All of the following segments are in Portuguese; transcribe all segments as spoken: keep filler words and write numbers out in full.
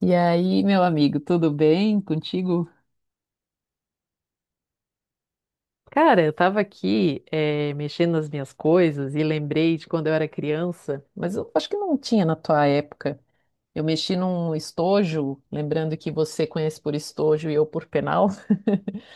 E aí, meu amigo, tudo bem contigo? Cara, eu tava aqui, eh, mexendo nas minhas coisas e lembrei de quando eu era criança. Mas eu acho que não tinha na tua época. Eu mexi num estojo, lembrando que você conhece por estojo e eu por penal.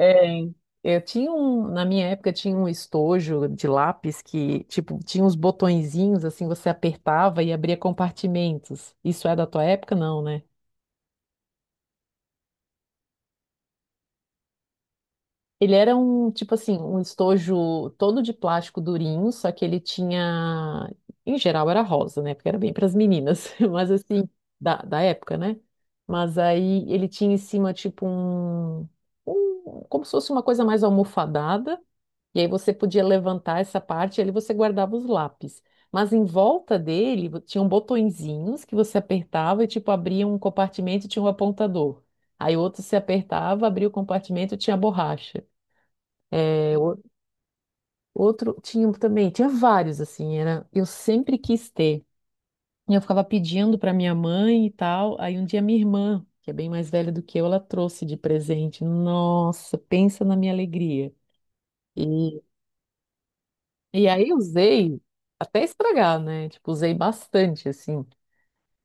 É, eu tinha um, na minha época tinha um estojo de lápis que, tipo, tinha uns botõezinhos assim, você apertava e abria compartimentos. Isso é da tua época? Não, né? Ele era um, tipo assim, um estojo todo de plástico durinho, só que ele tinha, em geral era rosa, né? Porque era bem para as meninas, mas assim, da, da época, né? Mas aí ele tinha em cima, tipo, um, um- como se fosse uma coisa mais almofadada, e aí você podia levantar essa parte, e ali você guardava os lápis. Mas em volta dele vo- tinham botõezinhos que você apertava e, tipo, abria um compartimento e tinha um apontador. Aí outro se apertava, abria o compartimento e tinha borracha. É. O- Outro, tinha um também, tinha vários assim, era, eu sempre quis ter. E eu ficava pedindo para minha mãe e tal. Aí um dia minha irmã, que é bem mais velha do que eu, ela trouxe de presente. Nossa, pensa na minha alegria. E, e aí eu usei até estragar, né? Tipo, usei bastante assim.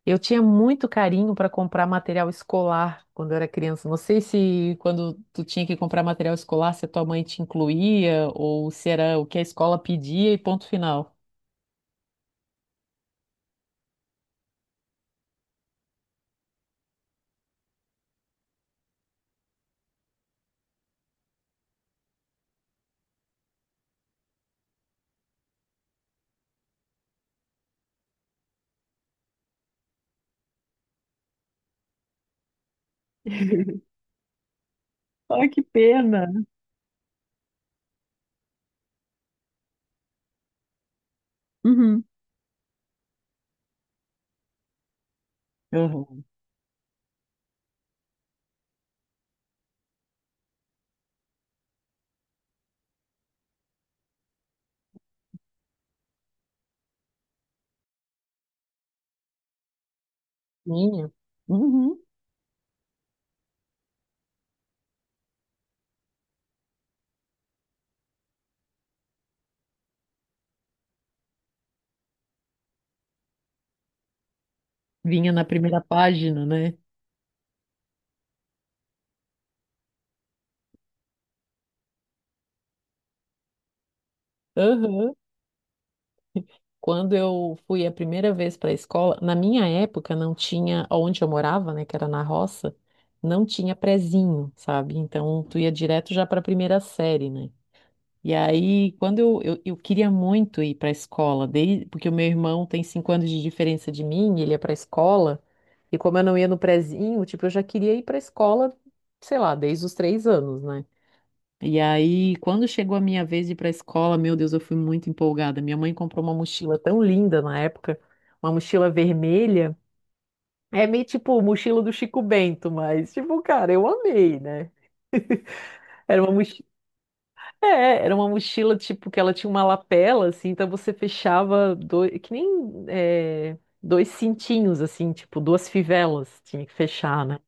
Eu tinha muito carinho para comprar material escolar quando eu era criança. Não sei se quando tu tinha que comprar material escolar, se a tua mãe te incluía ou se era o que a escola pedia e ponto final. Ai, que pena. Uhum. Aham. Minha. Uhum. Vinha na primeira página, né? Aham. Quando eu fui a primeira vez para a escola, na minha época não tinha, onde eu morava, né, que era na roça, não tinha prezinho, sabe? Então tu ia direto já para a primeira série, né? E aí, quando eu, eu, eu queria muito ir para a escola, desde, porque o meu irmão tem cinco anos de diferença de mim, ele ia para a escola, e como eu não ia no prezinho, tipo, eu já queria ir para a escola, sei lá, desde os três anos, né? E aí, quando chegou a minha vez de ir para a escola, meu Deus, eu fui muito empolgada. Minha mãe comprou uma mochila tão linda na época, uma mochila vermelha. É meio tipo mochila do Chico Bento, mas, tipo, cara, eu amei, né? Era uma mochila. É, era uma mochila, tipo, que ela tinha uma lapela, assim, então você fechava dois, que nem é, dois cintinhos, assim, tipo, duas fivelas tinha que fechar, né?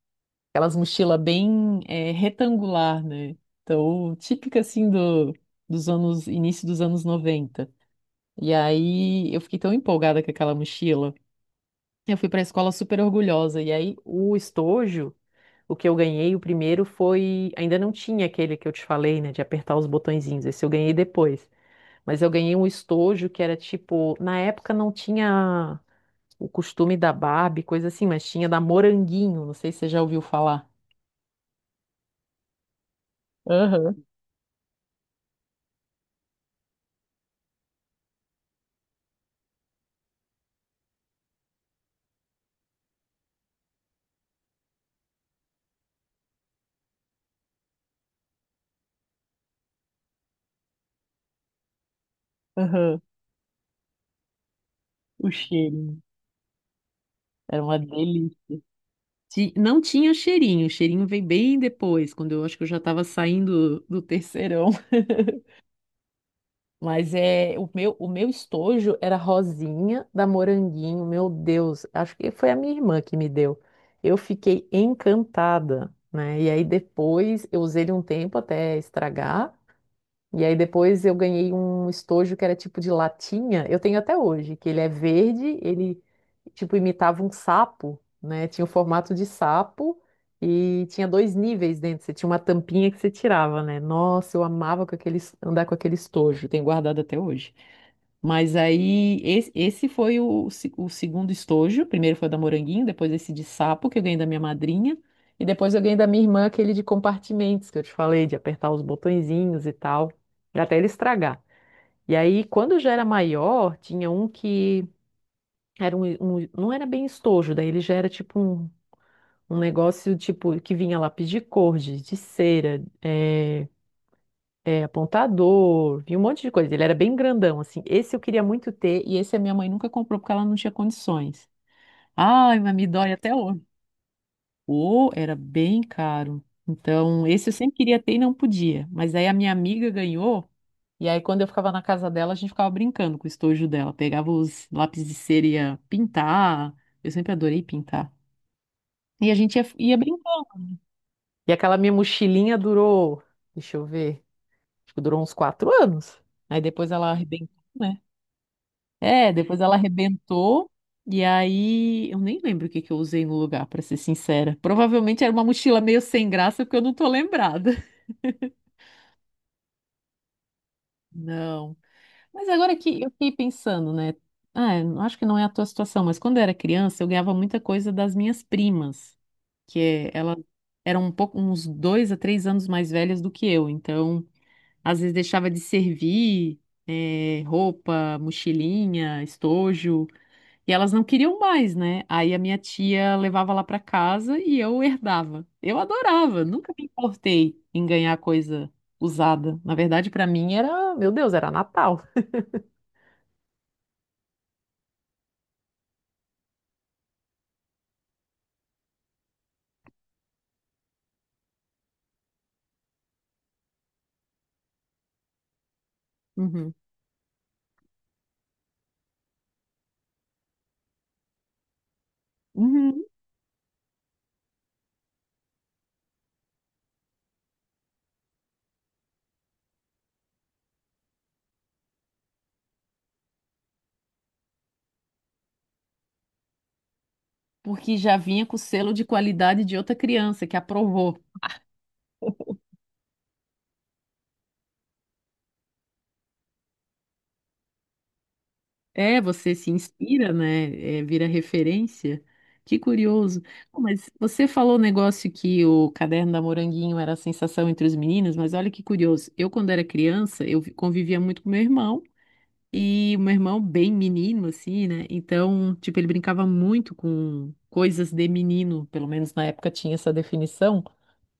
Aquelas mochilas bem é, retangular, né? Então, típica, assim, do, dos anos, início dos anos noventa. E aí, eu fiquei tão empolgada com aquela mochila. Eu fui pra escola super orgulhosa, e aí, o estojo... O que eu ganhei, o primeiro foi. Ainda não tinha aquele que eu te falei, né? De apertar os botõezinhos. Esse eu ganhei depois. Mas eu ganhei um estojo que era tipo, na época não tinha o costume da Barbie, coisa assim, mas tinha da Moranguinho, não sei se você já ouviu falar. Aham, aham. O cheirinho. Era uma delícia. Ti- Não tinha o cheirinho, o cheirinho veio bem depois, quando eu acho que eu já estava saindo do terceirão. Mas é o meu, o meu estojo era rosinha da Moranguinho, meu Deus, acho que foi a minha irmã que me deu. Eu fiquei encantada, né? E aí depois eu usei ele um tempo até estragar. E aí depois eu ganhei um estojo que era tipo de latinha, eu tenho até hoje, que ele é verde, ele tipo imitava um sapo, né? Tinha o formato de sapo e tinha dois níveis dentro, você tinha uma tampinha que você tirava, né? Nossa, eu amava com aquele, andar com aquele estojo, tenho guardado até hoje. Mas aí, esse, esse foi o, se- o segundo estojo. Primeiro foi o da Moranguinho, depois esse de sapo, que eu ganhei da minha madrinha. E depois eu ganhei da minha irmã aquele de compartimentos, que eu te falei, de apertar os botõezinhos e tal, até ele estragar. E aí, quando já era maior, tinha um que era um, um- não era bem estojo, daí ele já era tipo um, um negócio tipo que vinha lápis de cor, de, de cera, é, é, apontador, vi um monte de coisa. Ele era bem grandão, assim. Esse eu queria muito ter e esse a minha mãe nunca comprou porque ela não tinha condições. Ai, mas me dói até hoje. O era bem caro. Então, esse eu sempre queria ter e não podia. Mas aí a minha amiga ganhou e aí quando eu ficava na casa dela, a gente ficava brincando com o estojo dela. Pegava os lápis de cera e ia pintar. Eu sempre adorei pintar. E a gente ia, ia brincando. E aquela minha mochilinha durou, deixa eu ver, acho que durou uns quatro anos. Aí depois ela arrebentou, né? É, depois ela arrebentou. E aí, eu nem lembro o que que eu usei no lugar, pra ser sincera. Provavelmente era uma mochila meio sem graça, porque eu não tô lembrada. Não. Mas agora que eu fiquei pensando, né? Ah, eu acho que não é a tua situação, mas quando eu era criança, eu ganhava muita coisa das minhas primas, que é, elas eram um pouco, uns dois a três anos mais velhas do que eu. Então, às vezes deixava de servir, eh, roupa, mochilinha, estojo. E elas não queriam mais, né? Aí a minha tia levava lá para casa e eu herdava. Eu adorava, nunca me importei em ganhar coisa usada. Na verdade, para mim era, meu Deus, era Natal. Uhum. Uhum. Porque já vinha com o selo de qualidade de outra criança que aprovou. É, você se inspira, né? É, vira referência. Que curioso. Pô, mas você falou o negócio que o caderno da Moranguinho era a sensação entre os meninos, mas olha que curioso. Eu, quando era criança, eu vi- convivia muito com meu irmão. E o meu irmão, bem menino, assim, né? Então, tipo, ele brincava muito com coisas de menino, pelo menos na época tinha essa definição.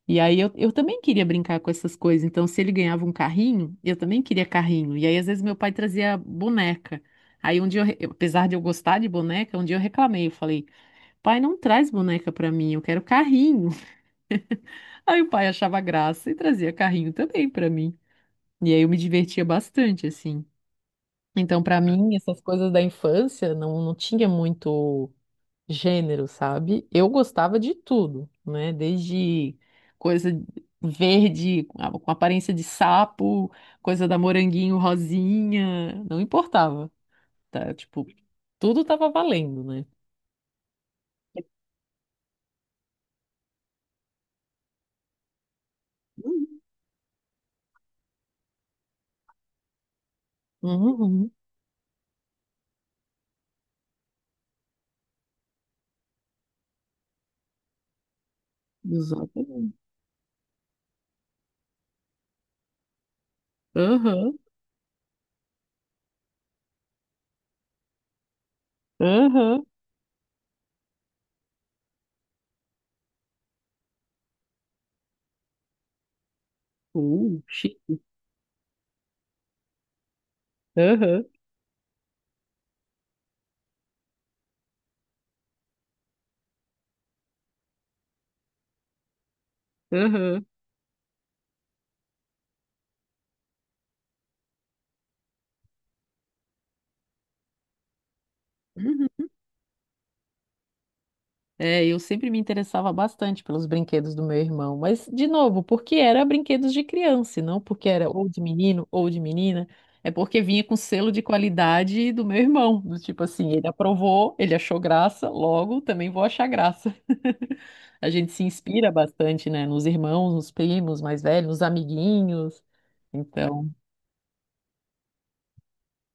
E aí eu, eu também queria brincar com essas coisas. Então, se ele ganhava um carrinho, eu também queria carrinho. E aí, às vezes, meu pai trazia boneca. Aí, um dia, eu, re- eu- apesar de eu gostar de boneca, um dia eu reclamei. Eu falei, pai, não traz boneca pra mim, eu quero carrinho. Aí o pai achava graça e trazia carrinho também pra mim. E aí eu me divertia bastante, assim. Então, pra mim, essas coisas da infância não, não tinha muito gênero, sabe? Eu gostava de tudo, né? Desde coisa verde, com a- com aparência de sapo, coisa da moranguinho rosinha, não importava, tá? Tipo, tudo tava valendo, né? Uhum, exatamente. Aham, aham, uh, chique. Aham, aham. Uhum. É, eu sempre me interessava bastante pelos brinquedos do meu irmão, mas, de novo, porque era brinquedos de criança, e não porque era ou de menino ou de menina, é porque vinha com selo de qualidade do meu irmão, do tipo assim, ele aprovou, ele achou graça, logo também vou achar graça. A gente se inspira bastante, né, nos irmãos, nos primos mais velhos, nos amiguinhos, então.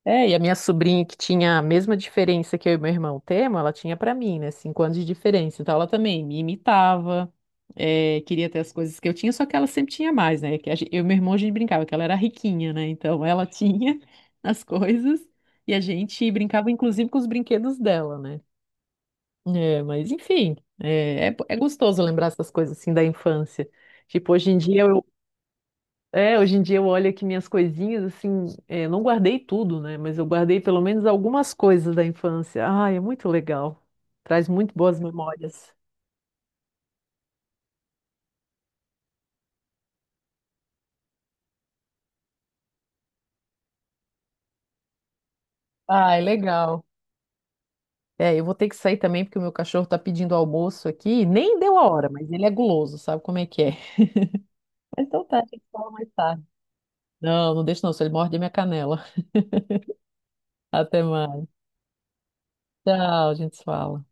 É, e a minha sobrinha que tinha a mesma diferença que eu e meu irmão temos, ela tinha pra mim, né? Cinco anos de diferença. Então ela também me imitava, é, queria ter as coisas que eu tinha, só que ela sempre tinha mais, né? Que a gen- eu e meu irmão a gente brincava que ela era riquinha, né? Então ela tinha as coisas e a gente brincava inclusive com os brinquedos dela, né? É, mas enfim, é, é, é gostoso lembrar essas coisas assim da infância. Tipo, hoje em dia eu é, hoje em dia eu olho aqui minhas coisinhas, assim, é, não guardei tudo, né? Mas eu guardei pelo menos algumas coisas da infância. Ai, é muito legal. Traz muito boas memórias. Ah, é legal. É, eu vou ter que sair também porque o meu cachorro tá pedindo almoço aqui. Nem deu a hora, mas ele é guloso, sabe como é que é? Então tá, a gente fala mais tarde. Não, não deixa não, se ele morde a minha canela. Até mais. Tchau, a gente se fala.